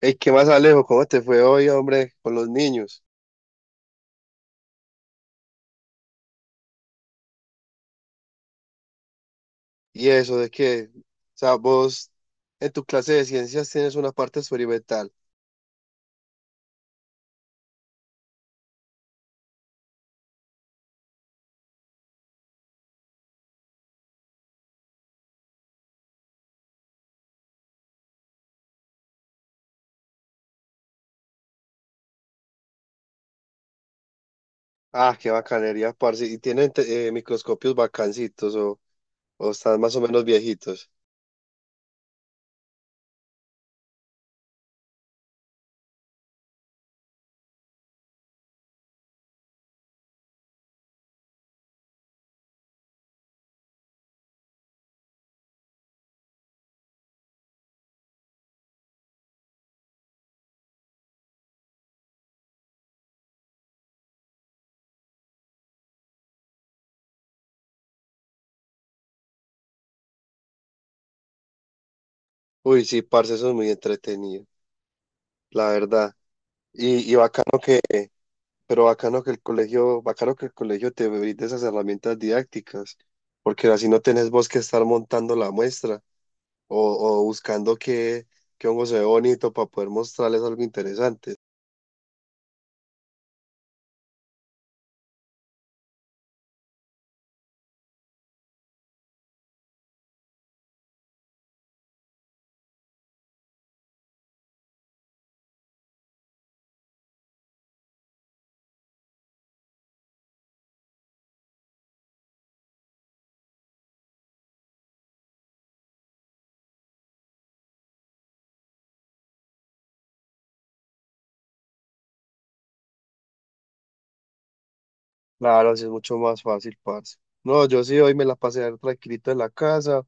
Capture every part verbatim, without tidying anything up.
Ey, ¿qué más, Alejo? ¿Cómo te fue hoy, hombre, con los niños? Y eso de que, o sea, vos en tu clase de ciencias tienes una parte experimental. Ah, qué bacanería, parce. Y tienen te- eh, microscopios bacancitos o, o están más o menos viejitos. Uy, sí, parce, eso es muy entretenido, la verdad. Y, y bacano que, pero bacano que el colegio, bacano que el colegio te brinde esas herramientas didácticas, porque así no tenés vos que estar montando la muestra o, o buscando qué, qué hongo se ve bonito para poder mostrarles algo interesante. Claro, así es mucho más fácil, parce. No, yo sí hoy me la pasé tranquilito en la casa,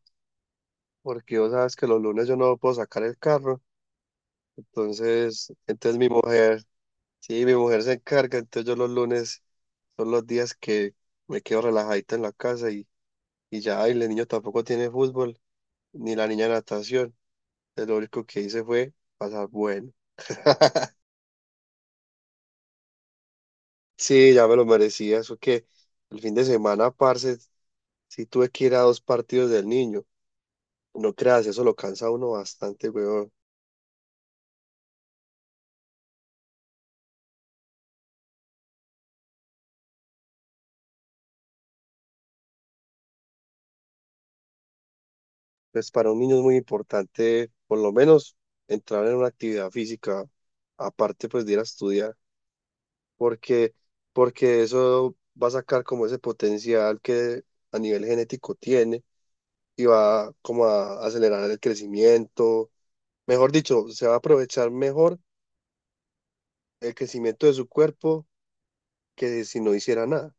porque vos sabes que los lunes yo no puedo sacar el carro, entonces, entonces mi mujer, sí, mi mujer se encarga, entonces yo los lunes son los días que me quedo relajadito en la casa y, y ya, y el niño tampoco tiene fútbol, ni la niña natación, entonces lo único que hice fue pasar bueno. Sí, ya me lo merecía. Eso que el fin de semana, parce, sí tuve que ir a dos partidos del niño. No creas, eso lo cansa a uno bastante, weón. Pues para un niño es muy importante, por lo menos, entrar en una actividad física, aparte pues de ir a estudiar, porque, porque eso va a sacar como ese potencial que a nivel genético tiene y va como a acelerar el crecimiento. Mejor dicho, se va a aprovechar mejor el crecimiento de su cuerpo que si no hiciera nada.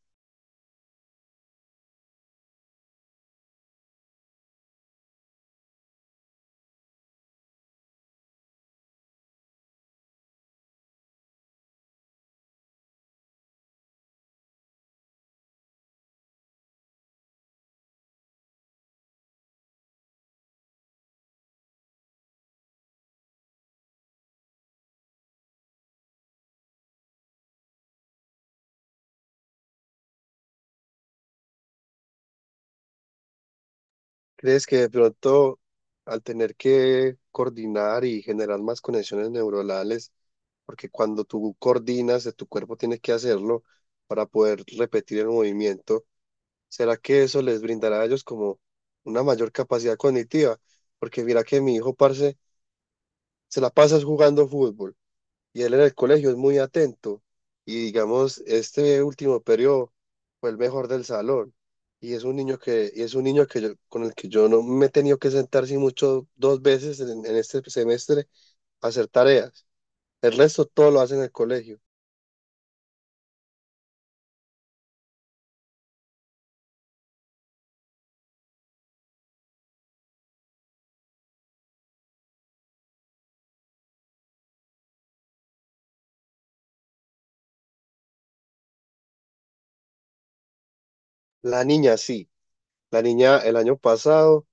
¿Crees que de pronto al tener que coordinar y generar más conexiones neuronales, porque cuando tú coordinas, tu cuerpo tiene que hacerlo para poder repetir el movimiento, será que eso les brindará a ellos como una mayor capacidad cognitiva? Porque mira que mi hijo, parce, se la pasa jugando fútbol y él en el colegio es muy atento. Y digamos, este último periodo fue el mejor del salón. Y es un niño que, y es un niño que yo- con el que yo no me he tenido que sentar sin mucho dos veces en, en este semestre a hacer tareas. El resto todo lo hace en el colegio. La niña sí. La niña el año pasado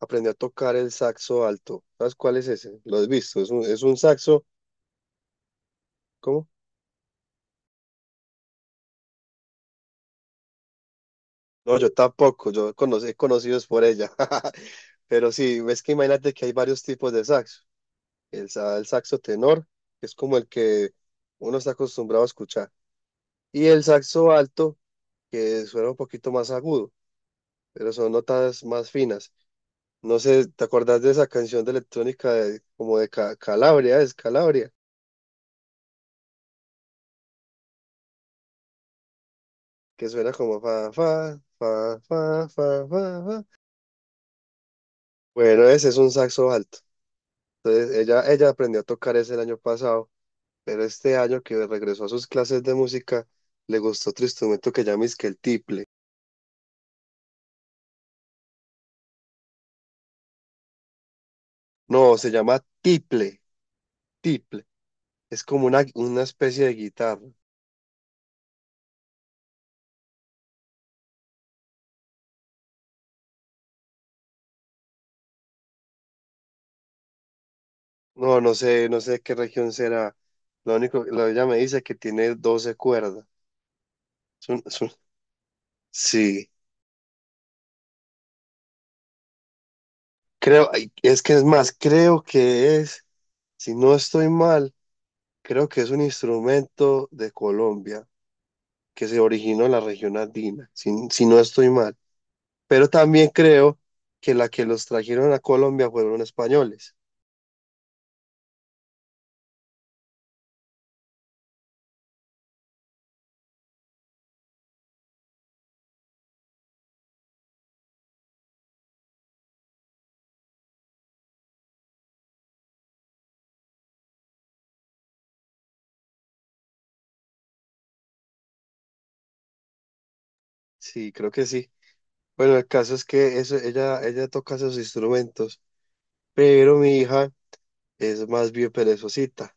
aprendió a tocar el saxo alto. ¿Sabes cuál es ese? Lo has visto. Es un, es un saxo. ¿Cómo? No, yo tampoco, yo conocí, he conocido es por ella. Pero sí, ves que imagínate que hay varios tipos de saxo. El, sa- el saxo tenor, que es como el que uno está acostumbrado a escuchar. Y el saxo alto, que suena un poquito más agudo, pero son notas más finas. No sé, ¿te acordás de esa canción de electrónica de- como de Ca- Calabria? Es Calabria, que suena como fa, fa, fa, fa, fa, fa, fa. Bueno, ese es un saxo alto. Entonces, ella, ella aprendió a tocar ese el año pasado, pero este año que regresó a sus clases de música, le gustó otro instrumento que llama es que el tiple. No, se llama tiple, tiple. Es como una, una especie de guitarra. No, no sé, no sé de qué región será. Lo único, lo- ella me dice que tiene doce cuerdas. Es un- es un- sí, creo, ay, es que es más, creo que es, si no estoy mal, creo que es un instrumento de Colombia que se originó en la región andina, si, si no estoy mal. Pero también creo que la que los trajeron a Colombia fueron españoles. Sí, creo que sí. Bueno, el caso es que eso, ella, ella toca esos instrumentos, pero mi hija es más bien perezosita.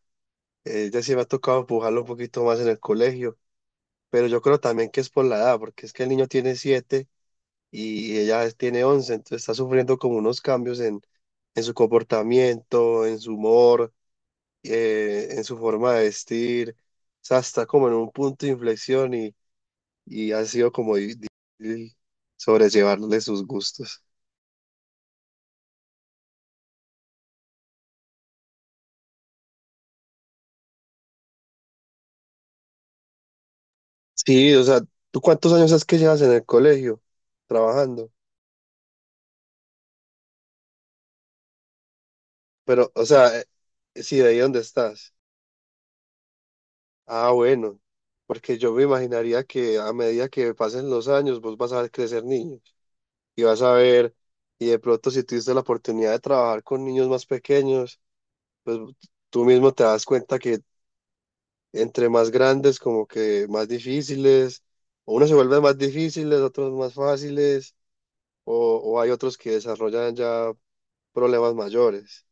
Ella sí me ha tocado empujarla un poquito más en el colegio, pero yo creo también que es por la edad, porque es que el niño tiene siete y ella tiene once, entonces está sufriendo como unos cambios en, en su comportamiento, en su humor, eh, en su forma de vestir. O sea, está como en un punto de inflexión y ha sido como di- difícil sobrellevarle sus gustos. Sí, o sea, ¿tú cuántos años es que llevas en el colegio trabajando? Pero, o sea, eh, sí, de ahí donde estás. Ah, bueno, porque yo me imaginaría que a medida que pasen los años vos vas a ver crecer niños y vas a ver, y de pronto si tuviste la oportunidad de trabajar con niños más pequeños, pues tú mismo te das cuenta que entre más grandes, como que más difíciles, o unos se vuelven más difíciles, otros más fáciles, o, o hay otros que desarrollan ya problemas mayores.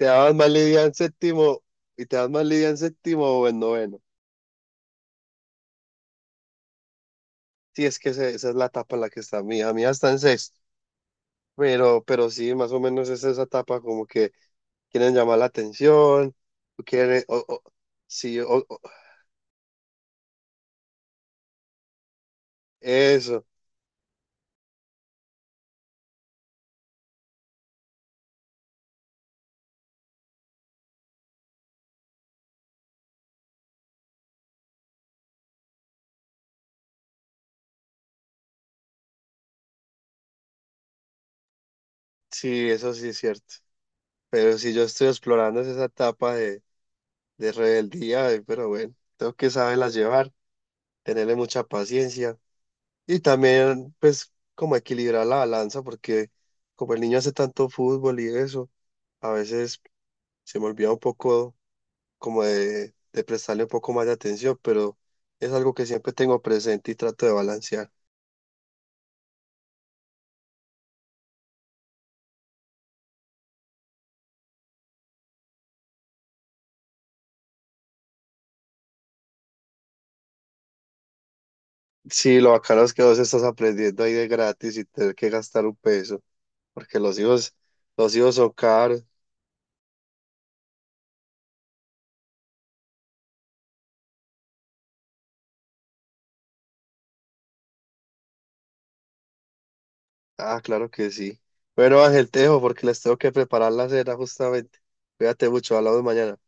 Te daban más lidia en séptimo y te dan más lidia en séptimo o en noveno. Sí, es que ese- esa es la etapa en la que está mi hija. Mi hija está en sexto, pero, pero sí, más o menos es esa etapa como que quieren llamar la atención, o quieren, o- o- sí, o- o- eso, sí, eso sí es cierto. Pero si yo estoy explorando es esa etapa de rebeldía, eh, pero bueno, tengo que saberlas llevar, tenerle mucha paciencia y también pues como equilibrar la balanza porque como el niño hace tanto fútbol y eso, a veces se me olvida un poco como de, de prestarle un poco más de atención, pero es algo que siempre tengo presente y trato de balancear. Sí, lo bacano es que vos estás aprendiendo ahí de gratis y tener que gastar un peso, porque los hijos, los hijos son caros. Ah, claro que sí. Bueno, Ángel, te dejo porque les tengo que preparar la cena justamente. Cuídate mucho, hablamos mañana.